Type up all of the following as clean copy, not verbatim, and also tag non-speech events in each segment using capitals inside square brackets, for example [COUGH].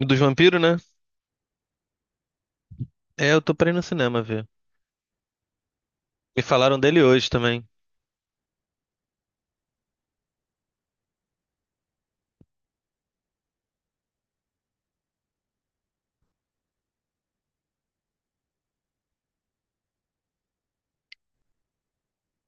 Dos vampiros, né? É, eu tô pra ir no cinema ver. Me falaram dele hoje também.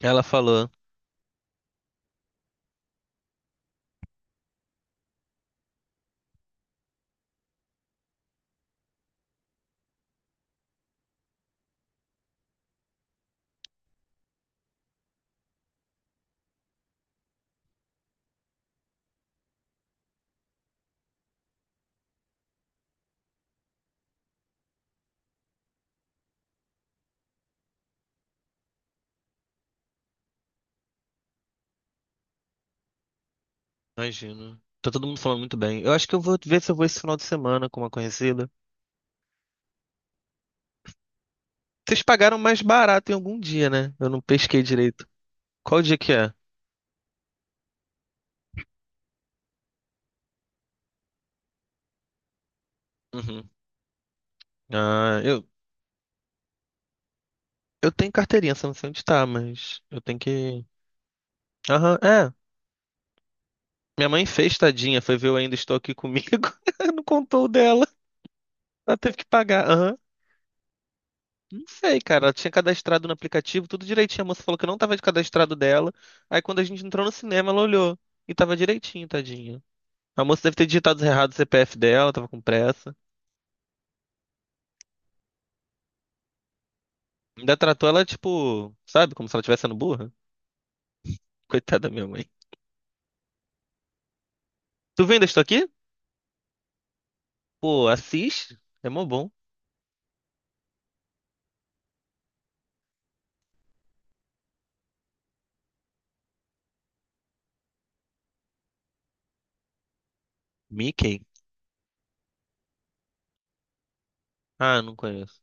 Ela falou. Imagino. Tá todo mundo falando muito bem. Eu acho que eu vou ver se eu vou esse final de semana com uma conhecida. Vocês pagaram mais barato em algum dia, né? Eu não pesquei direito. Qual dia que é? Uhum. Ah, eu tenho carteirinha, só não sei onde tá, mas eu tenho que. Aham, é. Minha mãe fez, tadinha, foi ver Eu Ainda Estou Aqui Comigo. [LAUGHS] Não contou o dela. Ela teve que pagar. Aham. Não sei, cara. Ela tinha cadastrado no aplicativo, tudo direitinho. A moça falou que não tava de cadastrado dela. Aí quando a gente entrou no cinema, ela olhou. E tava direitinho, tadinha. A moça deve ter digitado errado o CPF dela, tava com pressa. Ainda tratou ela, tipo, sabe, como se ela estivesse sendo burra. Coitada da minha mãe. Tu vendo estou aqui? Pô, assiste. É mó bom. Mickey? Ah, não conheço.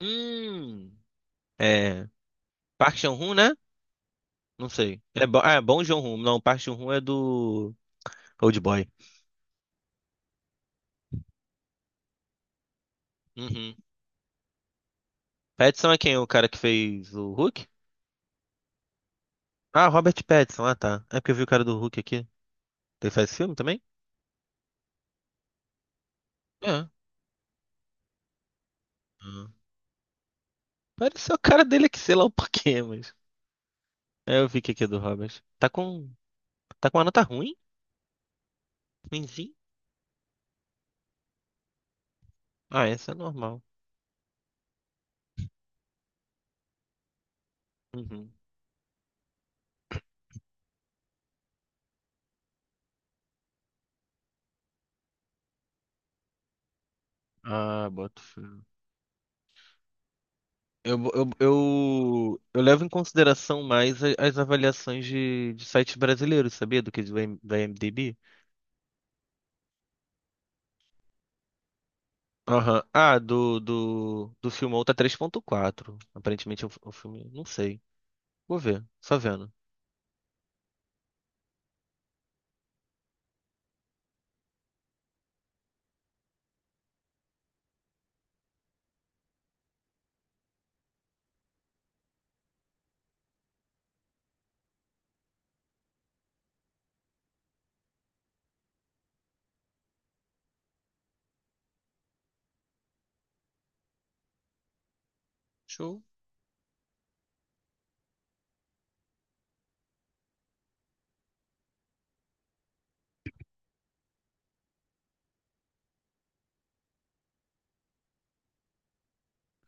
Hum. É. Park Chan-wook, né? Não sei. É bom, ah, é bom Joon-ho. Não, Park Chan-wook é do Old Boy. Uhum. Pattinson é quem? O cara que fez o Hulk? Ah, Robert Pattinson. Ah, tá. É porque eu vi o cara do Hulk aqui. Ele faz filme também? É. Ah. Pareceu o cara dele aqui, sei lá o porquê, mas... É, eu vi que aqui é do Robert. Tá com... Tá com uma nota ruim? Ruimzinho? Ah, essa é normal. Uhum. Ah, boto fé. Eu levo em consideração mais a- as avaliações de sites brasileiros, sabia? Do que do M- da IMDb. Aham. Ah, do filme tá 3,4. Aparentemente o filme. Não sei. Vou ver, só vendo. Show,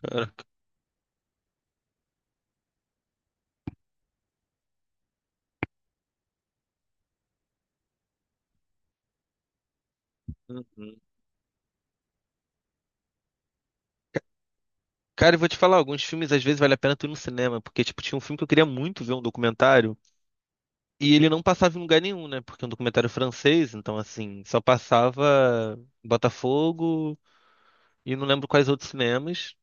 cara. Uhum. Cara, eu vou te falar, alguns filmes às vezes vale a pena tu ir no cinema, porque tipo, tinha um filme que eu queria muito ver um documentário e ele não passava em lugar nenhum, né? Porque é um documentário francês, então assim, só passava em Botafogo e não lembro quais outros cinemas,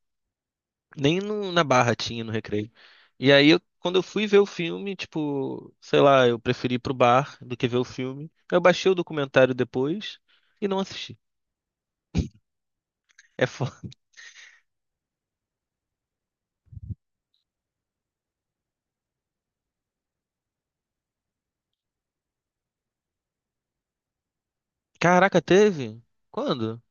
nem no- na Barra tinha no Recreio. E aí eu- quando eu fui ver o filme, tipo, sei lá, eu preferi ir pro bar do que ver o filme. Eu baixei o documentário depois e não assisti. É foda. [LAUGHS] Caraca, teve? Quando?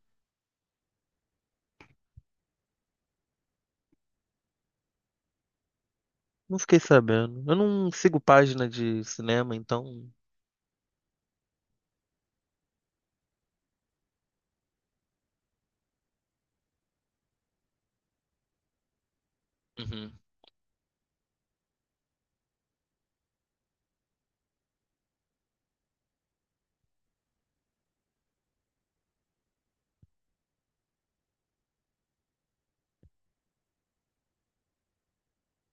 Não fiquei sabendo. Eu não sigo página de cinema, então. Uhum,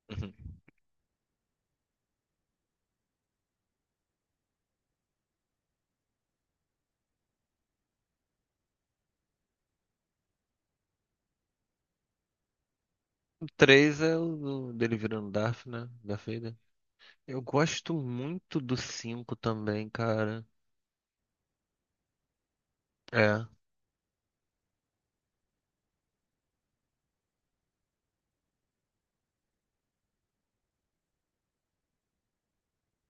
uhum. O 3 é o do- dele virando Darth, né? Darth Vader. Eu gosto muito do 5 também, cara. É.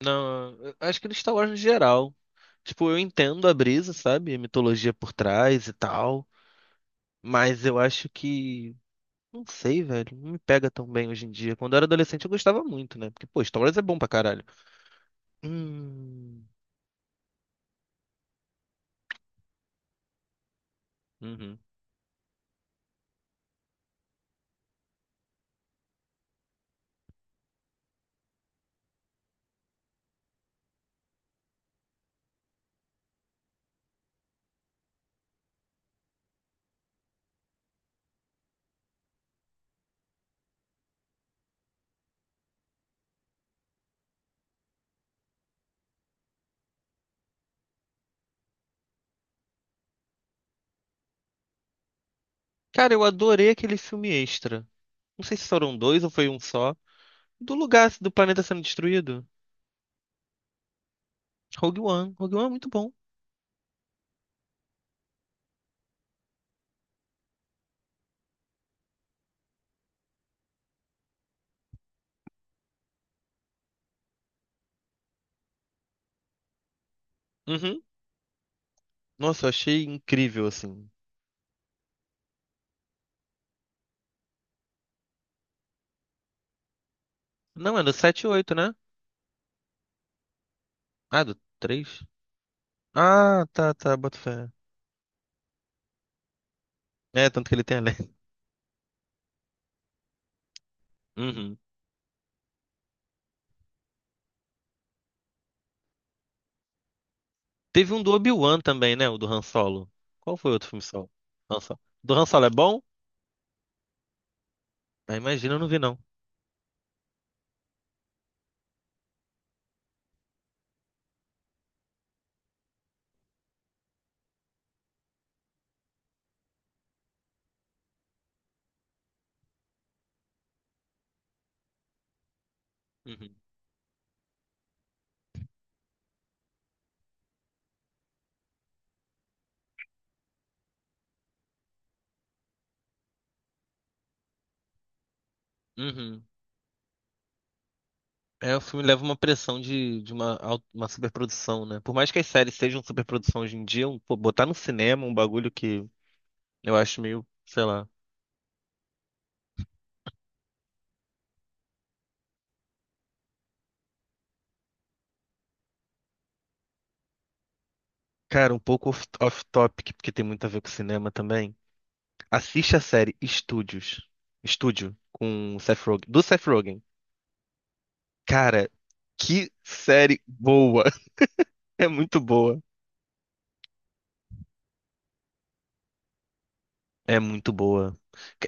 Não, eu acho que do Star Wars no geral. Tipo, eu entendo a brisa, sabe? A mitologia por trás e tal. Mas eu acho que. Não sei, velho. Não me pega tão bem hoje em dia. Quando eu era adolescente eu gostava muito, né? Porque, pô, Star Wars é bom pra caralho. Hum. Uhum. Cara, eu adorei aquele filme extra. Não sei se foram dois ou foi um só. Do lugar do planeta sendo destruído. Rogue One. Rogue One é muito bom. Uhum. Nossa, eu achei incrível, assim. Não, é do 7 e 8, né? Ah, do 3. Ah, tá, tá, boto fé. É, tanto que ele tem a lenda. Uhum. Teve um do Obi-Wan também, né? O do Han Solo. Qual foi o outro filme solo? Han Solo. Do Han Solo é bom? Ah, imagina, eu não vi, não. Uhum. Uhum. É, o filme leva uma pressão de uma, au- uma superprodução, né? Por mais que as séries sejam superprodução hoje em dia, um- pô, botar no cinema um bagulho que eu acho meio, sei lá. Cara, um pouco off- off-topic, porque tem muito a ver com cinema também. Assiste a série Estúdios. Estúdio, com o Seth Rogen. Do Seth Rogen. Cara, que série boa. [LAUGHS] É muito boa. É muito boa.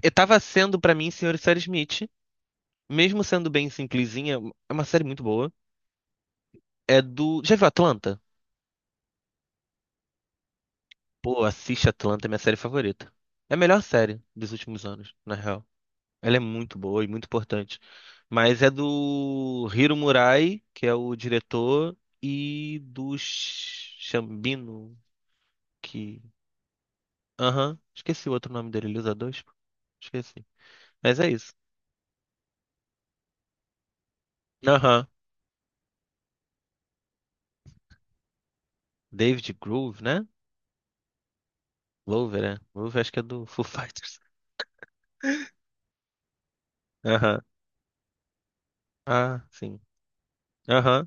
Eu tava sendo pra mim, Senhor e Sarah Smith. Mesmo sendo bem simplesinha, é uma série muito boa. É do. Já viu Atlanta? Pô, assiste Atlanta, é minha série favorita. É a melhor série dos últimos anos, na real. Ela é muito boa e muito importante. Mas é do Hiro Murai, que é o diretor, e do Sh- Shambino, que. Aham, esqueci o outro nome dele, ele usa dois? Pô. Esqueci. Mas é isso. Aham, David Groove, né? Glover, é. Groove acho que é do Foo [LAUGHS] Fighters. Aham, ah, sim. Aham,